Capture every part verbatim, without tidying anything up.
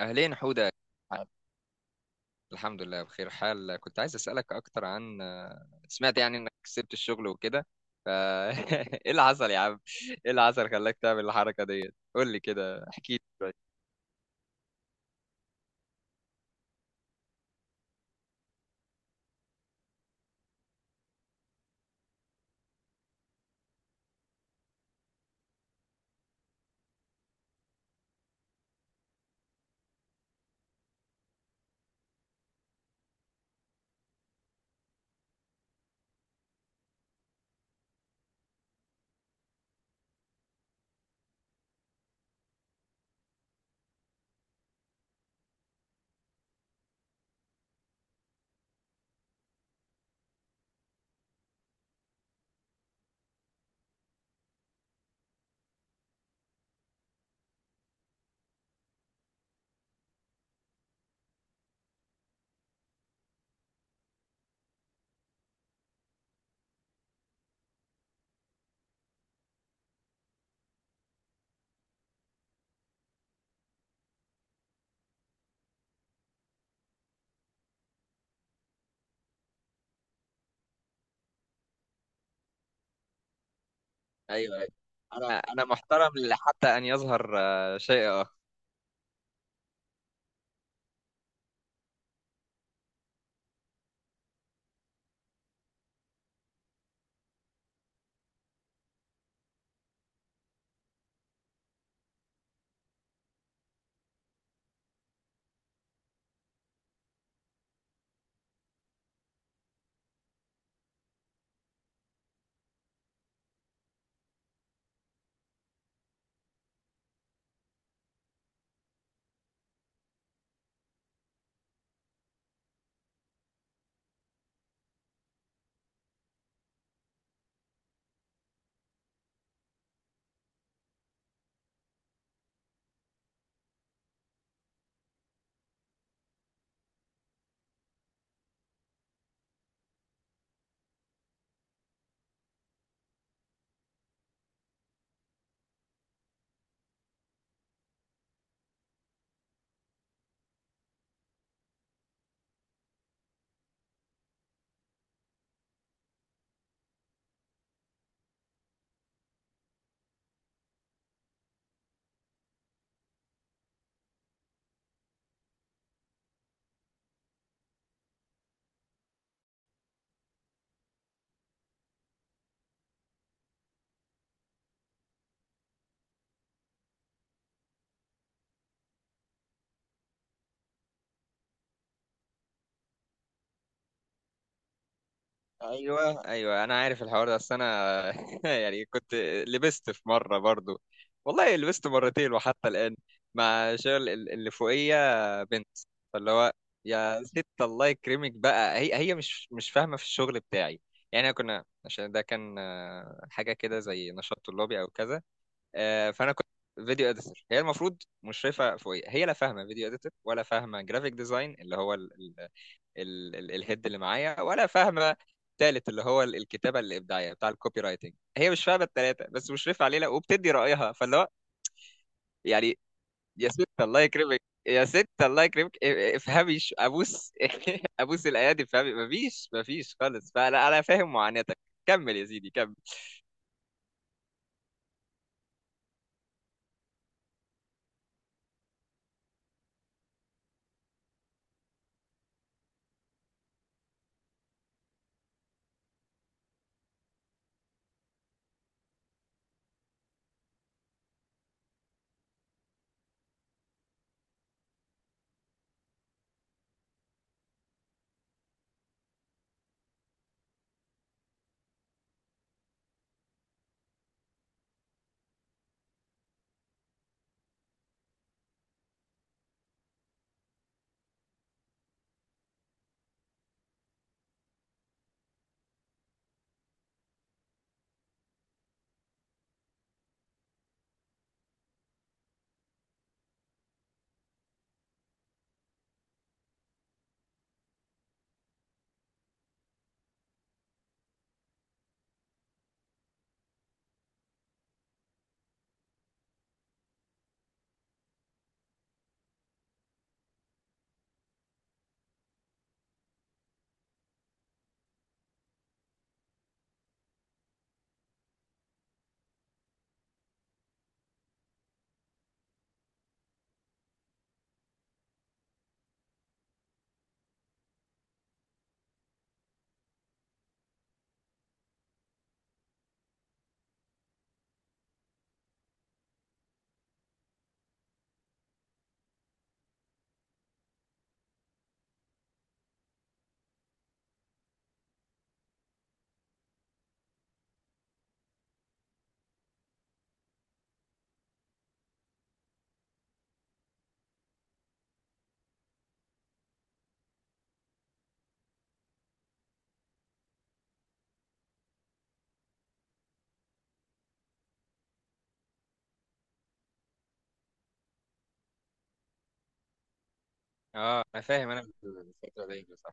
أهلين حودة. الحمد لله، بخير حال. كنت عايز أسألك أكتر عن، سمعت يعني إنك سبت الشغل وكده، ف إيه اللي حصل يا عم؟ إيه اللي حصل خلاك تعمل الحركة ديت؟ قول لي كده، احكي لي شوية. ايوه، ايوه. انا انا محترم حتى ان يظهر آه، شيء. ايوه، ايوه، انا عارف الحوار ده. اصل انا يعني كنت لبست في مره برضو. والله لبست مرتين وحتى الان، مع شغل ال- اللي فوقيه بنت. فاللي هو، يا ست الله يكرمك بقى، هي هي مش مش فاهمه في الشغل بتاعي. يعني كنا، عشان ده كان آه، حاجه كده زي نشاط طلابي او كذا. آه، فانا كنت فيديو اديتور. هي المفروض مشرفه فوقيه، هي لا فاهمه فيديو اديتور ولا فاهمه جرافيك ديزاين اللي هو ال- ال- الهيد اللي معايا، ولا فاهمه التالت اللي هو ال- الكتابه الابداعيه بتاع الكوبي رايتنج. هي مش فاهمه التلاته بس مشرفه علينا وبتدي رايها. فاللي هو يعني، يا ست الله يكرمك، يا ست الله يكرمك، ا- ا- افهمي، ش- ابوس، ابوس الايادي، افهمي، مفيش مفيش خالص. فانا انا فاهم معاناتك. كمل يا سيدي، كمل. اه، انا فاهم، انا الفتره دي صح.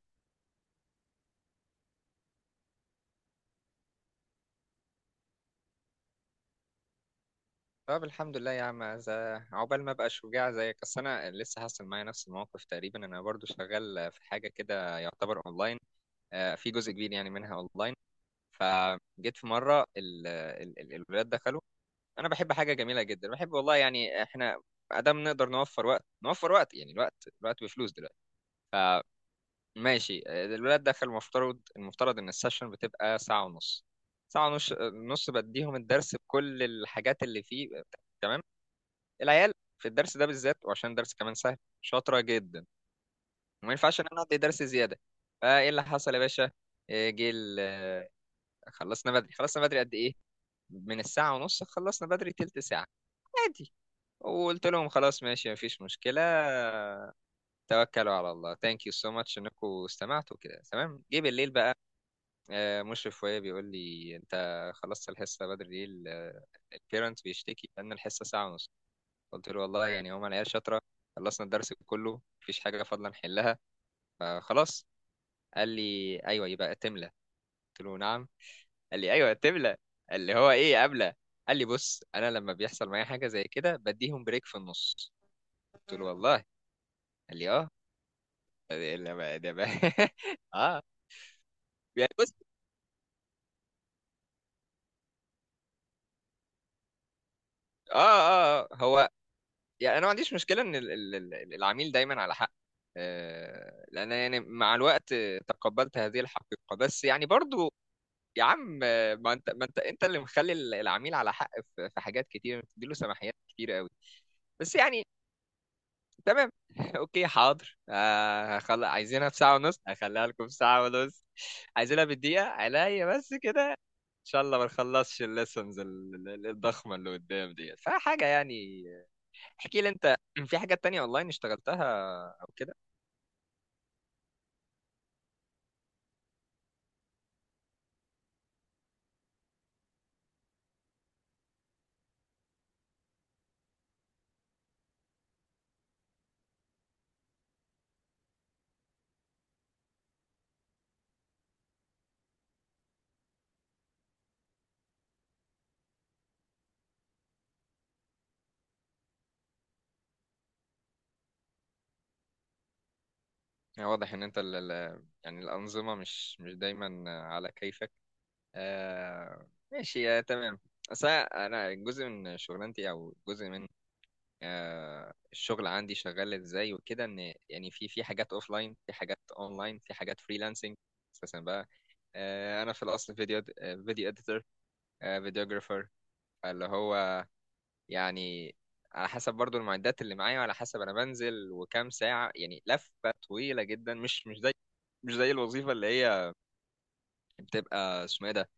طب الحمد لله يا عم، إذا- عقبال ما ابقى شجاع زيك. اصل انا لسه حاصل معايا نفس الموقف تقريبا، انا برضو شغال في حاجه كده يعتبر اونلاين. آه، في جزء كبير يعني منها اونلاين. فجيت في مره ال- ال- ال- الولاد دخلوا. انا بحب حاجه جميله جدا، بحب والله، يعني احنا ادام نقدر نوفر وقت، نوفر وقت، يعني الوقت، الوقت بفلوس دلوقتي. فماشي، آه، الولاد دخلوا، المفترض المفترض ان السيشن بتبقى ساعه ونص. ساعه ونص، آه، نص بديهم الدرس بكل الحاجات اللي فيه. تمام. العيال في الدرس ده بالذات، وعشان الدرس كمان سهل، شاطره جدا، وما ينفعش ان انا ادي درس زياده. فايه اللي حصل يا باشا؟ آه، جه، خلصنا بدري. خلصنا بدري قد ايه؟ من الساعة ونص، خلصنا بدري تلت ساعة، عادي. وقلت لهم خلاص ماشي، مفيش مشكلة، توكلوا على الله، ثانك يو سو ماتش انكم استمعتوا كده، تمام. جه بالليل بقى، آه، مشرف وهي بيقول لي، انت خلصت الحصة بدري ليه؟ ال- البيرنت بيشتكي ان الحصه ساعه ونص. قلت له والله يعني هما العيال شاطره، خلصنا الدرس كله، مفيش حاجه فاضله نحلها، فخلاص. قال لي ايوه، يبقى تملى. قلت له نعم. قال لي ايوه، تبلة. اللي هو ايه قبلة؟ قال لي بص، انا لما بيحصل معايا حاجه زي كده بديهم بريك في النص. قلت له والله. قال لي اه. ده ده بقى، ده بقى، اه. يعني بص. اه، اه، آه. هو يعني انا ما عنديش مشكله ان ال- ال- ال- العميل دايما على حق. آه، لان يعني مع الوقت، آه، تقبلت هذه الحقيقه، بس يعني برضو يا عم، آه، ما انت ما انت انت اللي مخلي العميل على حق. في في حاجات كتير بتديله سماحيات كتير قوي. بس يعني تمام. اوكي، حاضر، آه هخل... عايزينها في ساعة ونص، هخليها لكم في ساعة ونص. عايزينها بالدقيقة عليا بس كده. ان شاء الله ما نخلصش الليسنز ال- ال- الضخمة اللي قدام ديت، فحاجة يعني. احكي لي انت، في حاجات تانية اونلاين اشتغلتها او كده؟ يعني واضح ان انت ال... ال- يعني الأنظمة مش مش دايما على كيفك. آه... ماشي، آه، تمام. أصل أنا أنا جزء من شغلانتي، أو جزء من، آه، الشغل عندي شغال ازاي وكده. ان يعني في في حاجات اوف لاين، في حاجات اونلاين، في حاجات فريلانسنج اساسا بقى. آه، انا في الاصل فيديو فيديو اديتور، فيديوجرافر. اللي هو يعني، على حسب برضو المعدات اللي معايا، وعلى حسب انا بنزل وكام ساعة، يعني لفة طويلة جدا، مش مش زي مش زي الوظيفة اللي هي بتبقى اسمه ايه ده.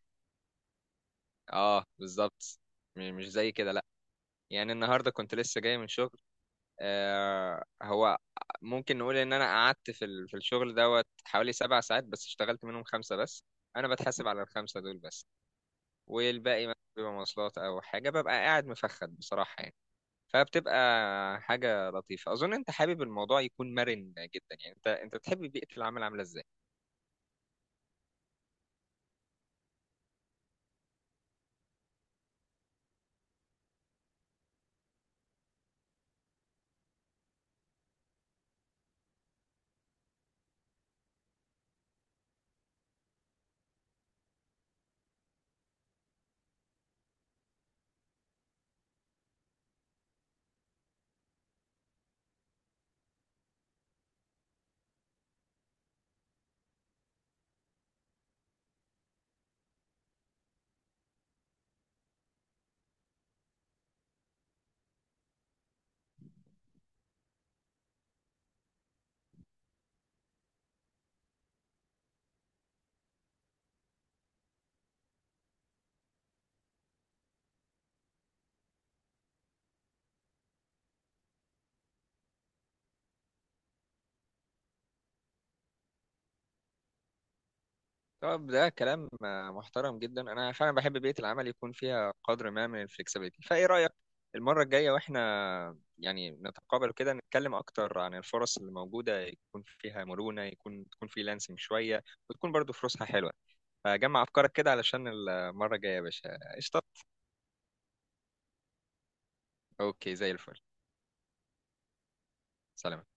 اه بالظبط، م- مش زي كده لا. يعني النهارده كنت لسه جاي من شغل، آه، هو ممكن نقول ان انا قعدت في ال- في الشغل دوت حوالي سبع ساعات، بس اشتغلت منهم خمسة بس. انا بتحاسب على الخمسة دول بس. والباقي مثلا بيبقى مواصلات او حاجة، ببقى قاعد مفخد بصراحة يعني. فبتبقى حاجة لطيفة. اظن انت حابب الموضوع يكون مرن جدا، يعني انت انت تحب بيئة العمل عاملة ازاي؟ طب ده كلام آه، محترم جدا. انا فعلا بحب بيئه العمل يكون فيها قدر ما من الفلكسبيتي. فايه رايك، المره الجايه واحنا يعني نتقابل كده، نتكلم اكتر عن الفرص اللي موجوده يكون فيها مرونه، يكون تكون فريلانسنج شويه، وتكون برضو فلوسها حلوه. فجمع افكارك كده علشان المره الجايه يا باشا، قشطه. اوكي، زي الفل. سلام.